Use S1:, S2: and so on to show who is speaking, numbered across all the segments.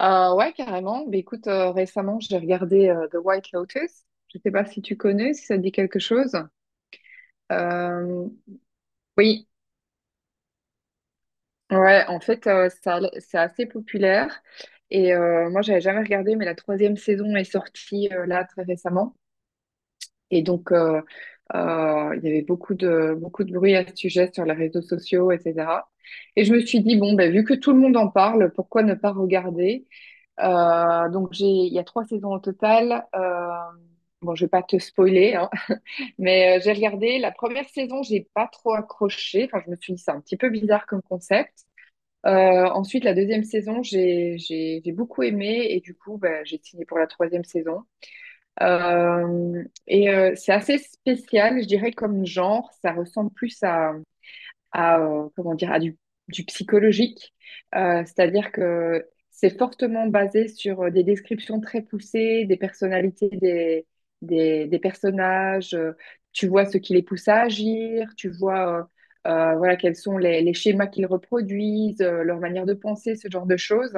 S1: Ouais, carrément. Mais écoute, récemment, j'ai regardé The White Lotus. Je sais pas si tu connais, si ça te dit quelque chose. Euh, oui, ouais, en fait, ça, c'est assez populaire. Et moi, j'avais jamais regardé, mais la troisième saison est sortie là très récemment. Et donc, il y avait beaucoup de bruit à ce sujet sur les réseaux sociaux, etc. Et je me suis dit, bon, bah, vu que tout le monde en parle, pourquoi ne pas regarder? Donc il y a trois saisons au total. Bon, je vais pas te spoiler, hein, mais j'ai regardé la première saison, j'ai pas trop accroché. Enfin, je me suis dit c'est un petit peu bizarre comme concept. Ensuite, la deuxième saison, j'ai beaucoup aimé et du coup, bah, j'ai signé pour la troisième saison. C'est assez spécial, je dirais comme genre, ça ressemble plus à, comment dire, à du psychologique. C'est-à-dire que c'est fortement basé sur des descriptions très poussées des personnalités des personnages. Tu vois ce qui les pousse à agir, tu vois voilà, quels sont les schémas qu'ils reproduisent, leur manière de penser, ce genre de choses.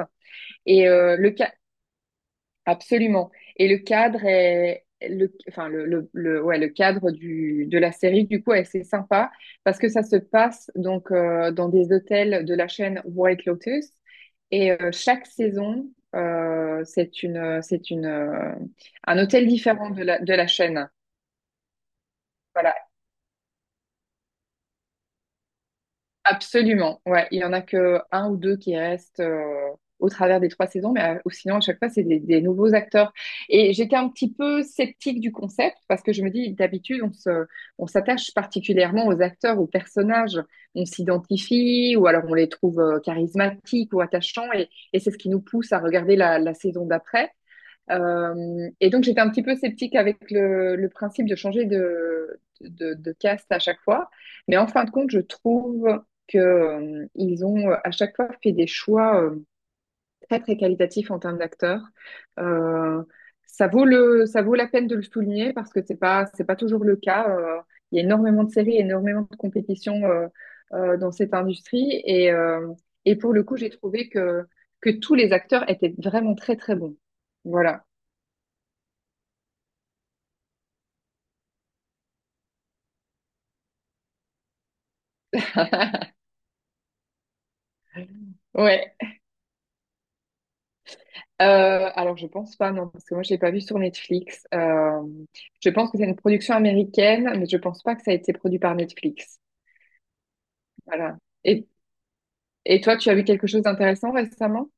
S1: Et euh, le, ca- Absolument. Et le cadre est le, enfin le- ouais, le cadre de la série du coup est assez sympa parce que ça se passe donc dans des hôtels de la chaîne White Lotus et chaque saison c'est une un hôtel différent de la chaîne. Voilà. Absolument, ouais. Il y en a que un ou deux qui restent au travers des trois saisons, mais ou sinon, à chaque fois, c'est des nouveaux acteurs. Et j'étais un petit peu sceptique du concept parce que je me dis, d'habitude, on s'attache particulièrement aux acteurs, aux personnages. On s'identifie ou alors on les trouve charismatiques ou attachants et c'est ce qui nous pousse à regarder la saison d'après. Et donc, j'étais un petit peu sceptique avec le principe de changer de caste à chaque fois. Mais en fin de compte, je trouve que, ils ont à chaque fois fait des choix très, très qualitatifs en termes d'acteurs. Euh, Ça vaut ça vaut la peine de le souligner parce que c'est pas toujours le cas. Il y a énormément de séries, énormément de compétitions dans cette industrie. Et pour le coup, j'ai trouvé que tous les acteurs étaient vraiment très, très bons. Voilà. Ouais. Alors je pense pas, non, parce que moi je l'ai pas vu sur Netflix. Je pense que c'est une production américaine, mais je pense pas que ça a été produit par Netflix. Voilà. Et, et toi, tu as vu quelque chose d'intéressant récemment?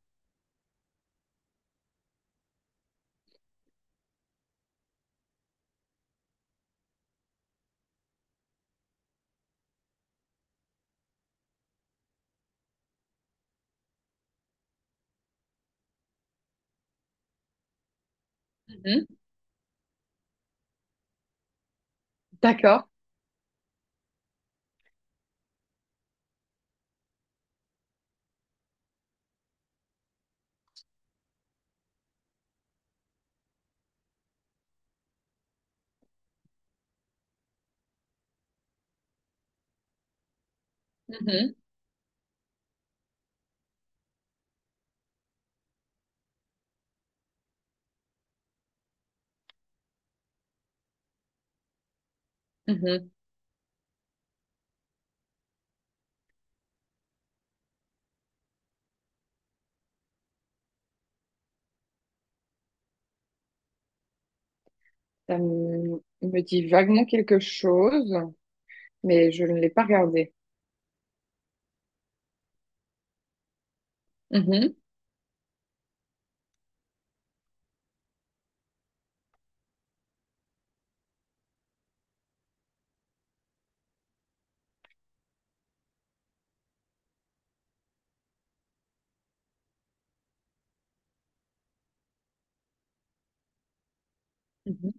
S1: Mhm. D'accord. Mhm. Mhm. Ça me dit vaguement quelque chose, mais je ne l'ai pas regardé. Mhm. Mhm.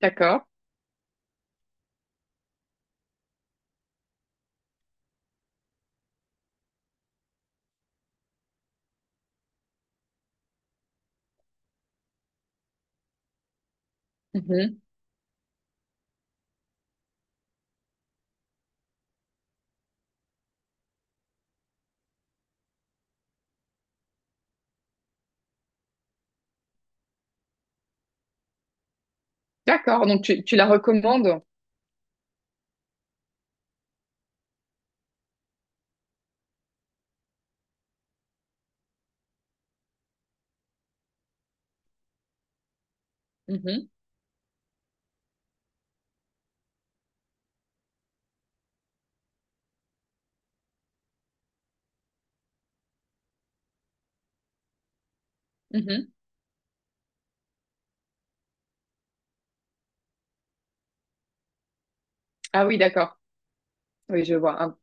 S1: D'accord. Mhm. D'accord. Donc tu la recommandes? Mhm. Mhm. Ah oui, d'accord. Oui, je vois. Ah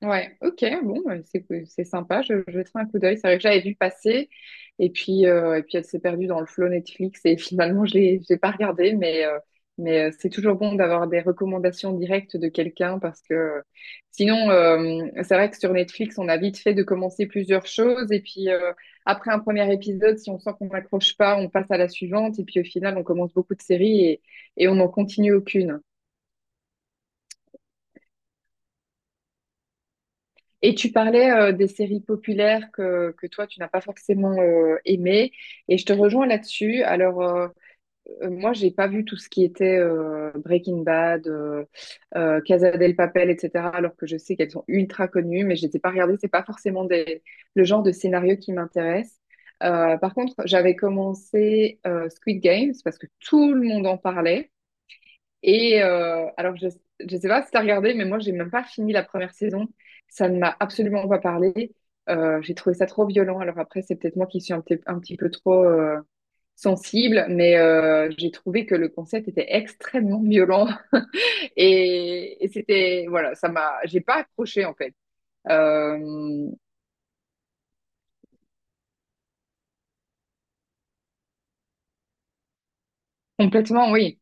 S1: ouais, ok, bon, ouais, c'est sympa, je jetterai un coup d'œil. C'est vrai que j'avais vu passer, et puis elle s'est perdue dans le flow Netflix, et finalement, je l'ai pas regardé, mais, c'est toujours bon d'avoir des recommandations directes de quelqu'un, parce que sinon, c'est vrai que sur Netflix, on a vite fait de commencer plusieurs choses, et puis après un premier épisode, si on sent qu'on n'accroche pas, on passe à la suivante, et puis au final, on commence beaucoup de séries et on n'en continue aucune. Et tu parlais des séries populaires que toi, tu n'as pas forcément aimées. Et je te rejoins là-dessus. Alors, moi, j'ai pas vu tout ce qui était Breaking Bad, Casa del Papel, etc. Alors que je sais qu'elles sont ultra connues, mais je les ai pas regardées. C'est pas forcément des, le genre de scénario qui m'intéresse. Par contre, j'avais commencé Squid Games parce que tout le monde en parlait. Et alors, je ne sais pas si tu as regardé, mais moi, j'ai même pas fini la première saison. Ça ne m'a absolument pas parlé. J'ai trouvé ça trop violent. Alors après, c'est peut-être moi qui suis un petit peu trop sensible, mais j'ai trouvé que le concept était extrêmement violent. Et c'était, voilà, ça m'a, j'ai pas accroché en fait. Euh, Complètement, oui.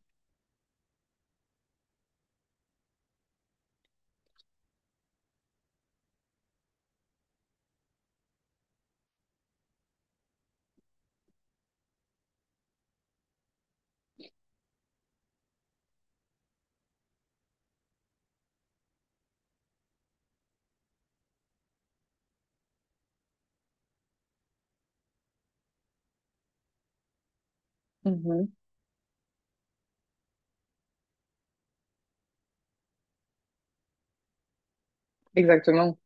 S1: Mhm. Exactement.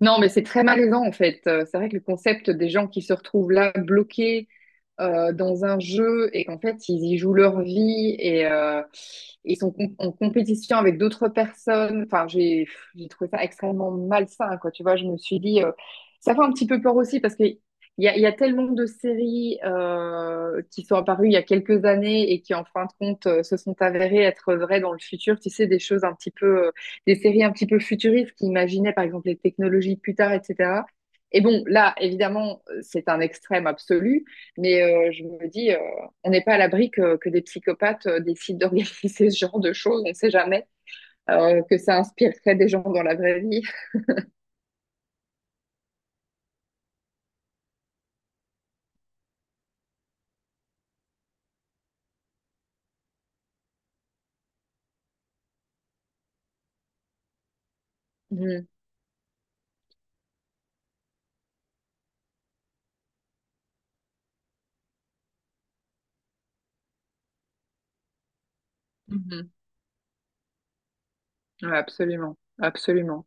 S1: Non, mais c'est très malaisant en fait. C'est vrai que le concept des gens qui se retrouvent là bloqués dans un jeu et qu'en fait ils y jouent leur vie et ils sont en compétition avec d'autres personnes. Enfin, j'ai pff, j'ai trouvé ça extrêmement malsain, quoi. Tu vois, je me suis dit, ça fait un petit peu peur aussi parce que il y a tellement de séries qui sont apparues il y a quelques années et qui en fin de compte se sont avérées être vraies dans le futur. Tu sais, des choses un petit peu des séries un petit peu futuristes qui imaginaient par exemple les technologies plus tard, etc. Et bon, là, évidemment, c'est un extrême absolu, mais je me dis, on n'est pas à l'abri que des psychopathes décident d'organiser ce genre de choses, on ne sait jamais que ça inspirerait des gens dans la vraie vie. Mhm. Mhm. Ouais, absolument, absolument.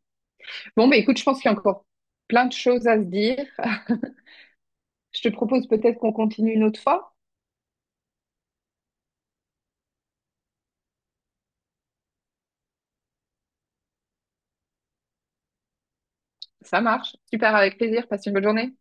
S1: Bon, mais écoute, je pense qu'il y a encore plein de choses à se dire. Je te propose peut-être qu'on continue une autre fois. Ça marche, super, avec plaisir, passe une bonne journée.